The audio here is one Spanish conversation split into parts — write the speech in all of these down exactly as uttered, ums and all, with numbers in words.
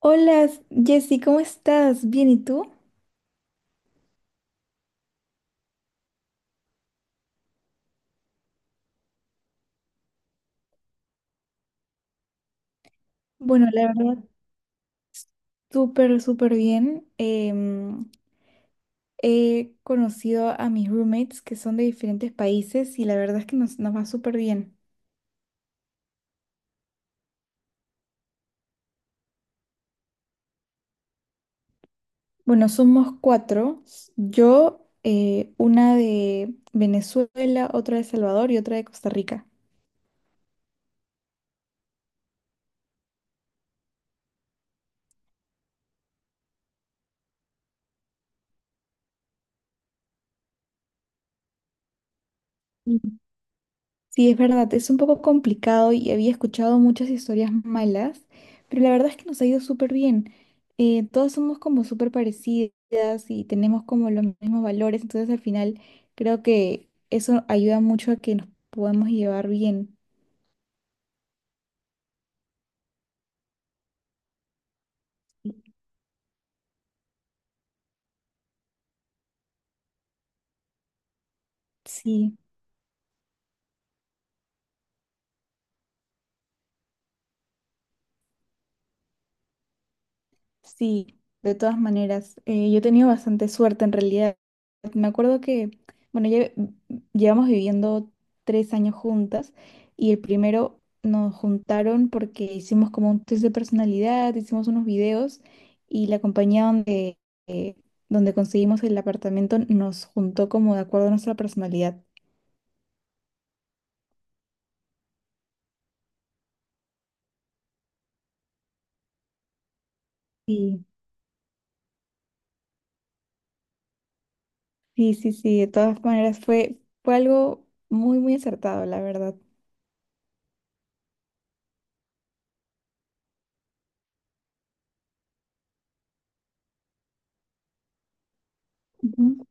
Hola, Jessy, ¿cómo estás? Bien, ¿y tú? Bueno, la verdad, súper, súper bien. Em, he conocido a mis roommates que son de diferentes países y la verdad es que nos, nos va súper bien. Bueno, somos cuatro. Yo, eh, una de Venezuela, otra de Salvador y otra de Costa Rica. Sí, es verdad, es un poco complicado y había escuchado muchas historias malas, pero la verdad es que nos ha ido súper bien. Eh, todas somos como súper parecidas y tenemos como los mismos valores, entonces al final creo que eso ayuda mucho a que nos podamos llevar bien. Sí. Sí, de todas maneras, eh, yo he tenido bastante suerte en realidad. Me acuerdo que, bueno, lle- llevamos viviendo tres años juntas y el primero nos juntaron porque hicimos como un test de personalidad, hicimos unos videos y la compañía donde, eh, donde conseguimos el apartamento nos juntó como de acuerdo a nuestra personalidad. Sí, sí, sí, sí, de todas maneras fue, fue algo muy, muy acertado, la verdad. Ujú.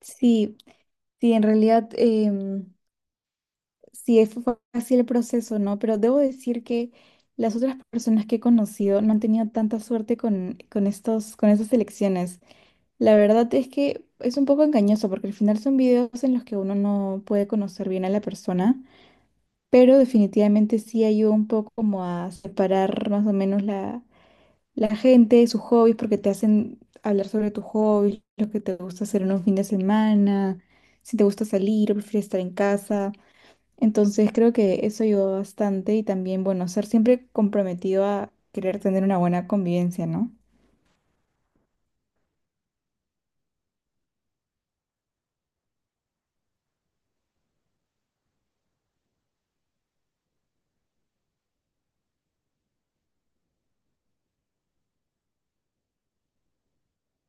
Sí. Sí, en realidad em, sí fue fue así el proceso, ¿no? Pero debo decir que las otras personas que he conocido no han tenido tanta suerte con, con estos, con estas elecciones. La verdad es que es un poco engañoso porque al final son videos en los que uno no puede conocer bien a la persona, pero definitivamente sí ayuda un poco como a separar más o menos la, la gente, sus hobbies, porque te hacen hablar sobre tus hobbies, lo que te gusta hacer en un fin de semana, si te gusta salir o prefieres estar en casa. Entonces creo que eso ayudó bastante y también, bueno, ser siempre comprometido a querer tener una buena convivencia, ¿no?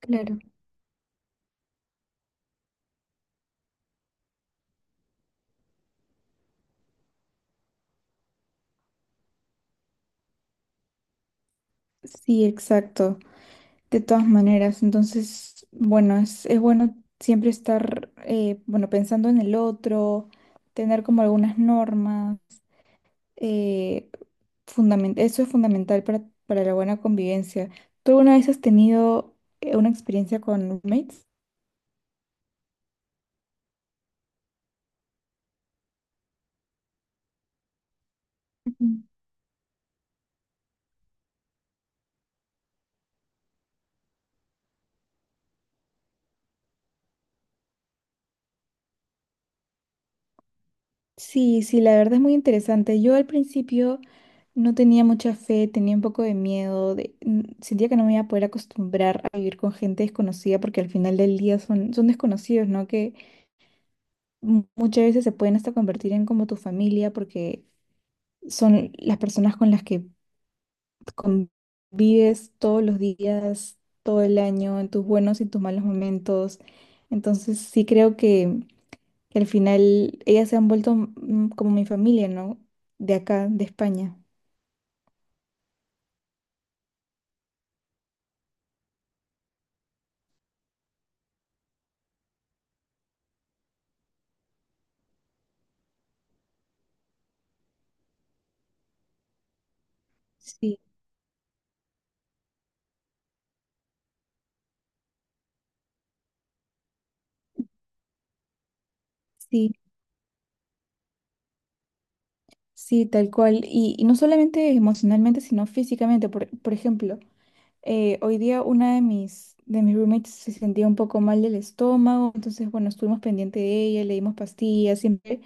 Claro. Sí, exacto. De todas maneras, entonces, bueno, es, es bueno siempre estar, eh, bueno, pensando en el otro, tener como algunas normas. eh, fundamen- Eso es fundamental para, para la buena convivencia. ¿Tú alguna vez has tenido eh, una experiencia con roommates? Sí, sí, la verdad es muy interesante. Yo al principio no tenía mucha fe, tenía un poco de miedo, de- n- sentía que no me iba a poder acostumbrar a vivir con gente desconocida porque al final del día son, son desconocidos, ¿no? Que mu- muchas veces se pueden hasta convertir en como tu familia porque son las personas con las que convives todos los días, todo el año, en tus buenos y tus malos momentos. Entonces sí creo que que al final ellas se han vuelto mm, como mi familia, ¿no? De acá, de España. Sí, sí, sí, tal cual. Y, y no solamente emocionalmente, sino físicamente. Por, por ejemplo, eh, hoy día una de mis, de mis roommates se sentía un poco mal del estómago, entonces, bueno, estuvimos pendiente de ella, le dimos pastillas, siempre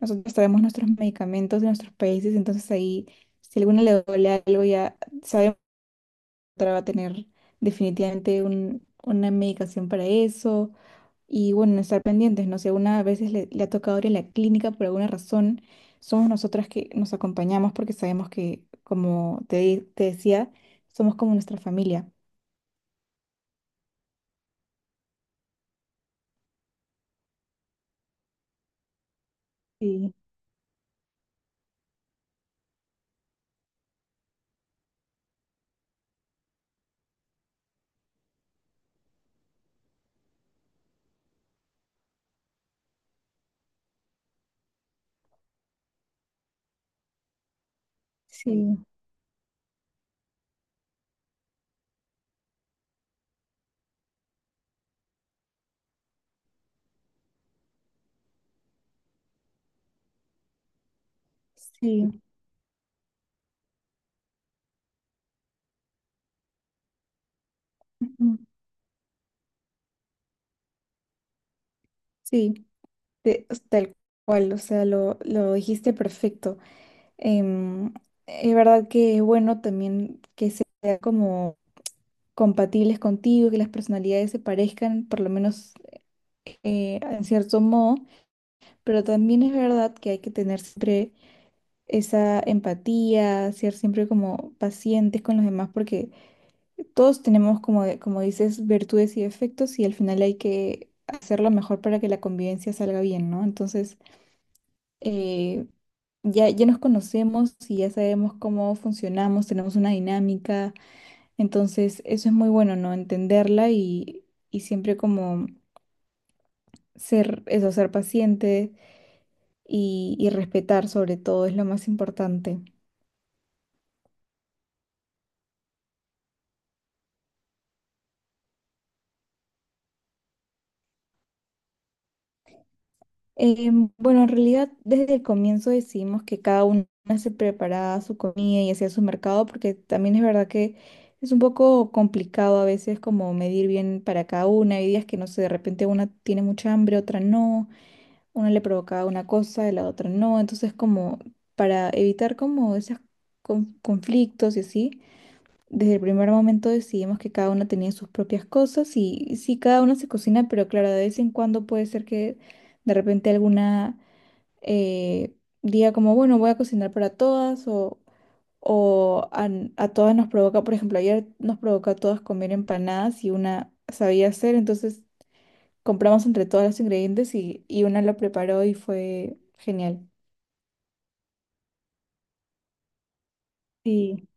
nosotros traemos nuestros medicamentos de nuestros países, entonces ahí, si alguna le duele algo, ya sabemos que otra va a tener definitivamente un- una medicación para eso. Y bueno, estar pendientes, no sé, una a veces le, le ha tocado ir a la clínica por alguna razón, somos nosotras que nos acompañamos porque sabemos que, como te, di- te decía, somos como nuestra familia. Sí, sí, sí, ujú, sí, te- tal cual, o sea, lo, lo dijiste perfecto. Em, es verdad que es bueno también que sean como compatibles contigo, que las personalidades se parezcan, por lo menos eh, en cierto modo. Pero también es verdad que hay que tener siempre esa empatía, ser siempre como pacientes con los demás, porque todos tenemos, como, de- como dices, virtudes y defectos y al final hay que hacer lo mejor para que la convivencia salga bien, ¿no? Entonces, eh, ya, ya nos conocemos y ya sabemos cómo funcionamos, tenemos una dinámica, entonces eso es muy bueno, ¿no? Entenderla y, y siempre como ser, eso, ser paciente y, y respetar sobre todo es lo más importante. Em, bueno, en realidad desde el comienzo decidimos que cada una se preparaba su comida y hacía su mercado porque también es verdad que es un poco complicado a veces como medir bien para cada una. Hay días que no sé, de repente una tiene mucha hambre, otra no, una le provocaba una cosa y la otra no. Entonces como para evitar como esos con- conflictos y así. Desde el primer momento decidimos que cada una tenía sus propias cosas y sí, cada una se cocina, pero claro, de vez en cuando puede ser que de repente alguna eh, diga como, bueno, voy a cocinar para todas o, o a, a todas nos provoca, por ejemplo, ayer nos provocó a todas comer empanadas y una sabía hacer, entonces compramos entre todas los ingredientes y, y una lo preparó y fue genial. Sí.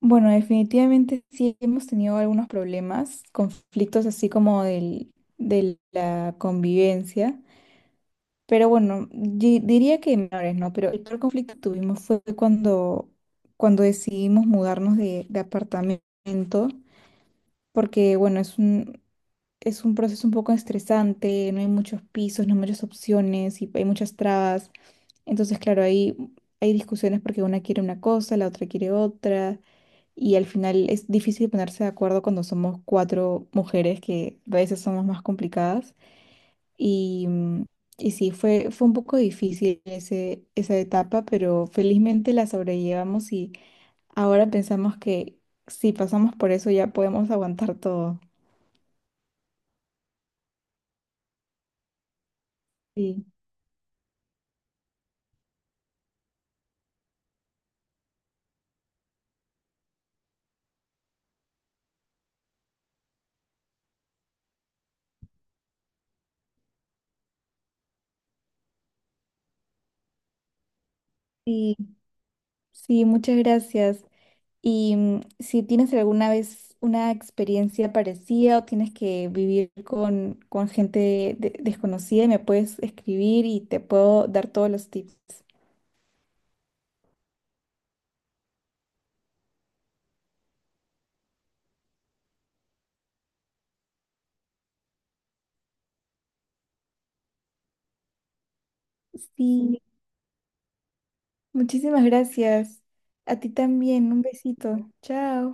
Bueno, definitivamente sí hemos tenido algunos problemas, conflictos así como del, de la convivencia, pero bueno, di- diría que menores, ¿no? Pero el peor conflicto que tuvimos fue cuando, cuando decidimos mudarnos de, de apartamento, porque bueno, es un, es un proceso un poco estresante, no hay muchos pisos, no hay muchas opciones y hay muchas trabas. Entonces, claro, ahí hay discusiones porque una quiere una cosa, la otra quiere otra. Y al final es difícil ponerse de acuerdo cuando somos cuatro mujeres que a veces somos más complicadas. Y, mm, y sí, fue, fue un poco difícil ese, esa etapa, pero felizmente la sobrellevamos y ahora pensamos que si pasamos por eso ya podemos aguantar todo. Sí, sí, sí, muchas gracias. Y mm, si tienes alguna vez una experiencia parecida o tienes que vivir con, con gente de- desconocida, me puedes escribir y te puedo dar todos los tips. Sí, muchísimas gracias. A ti también, un besito. Chao.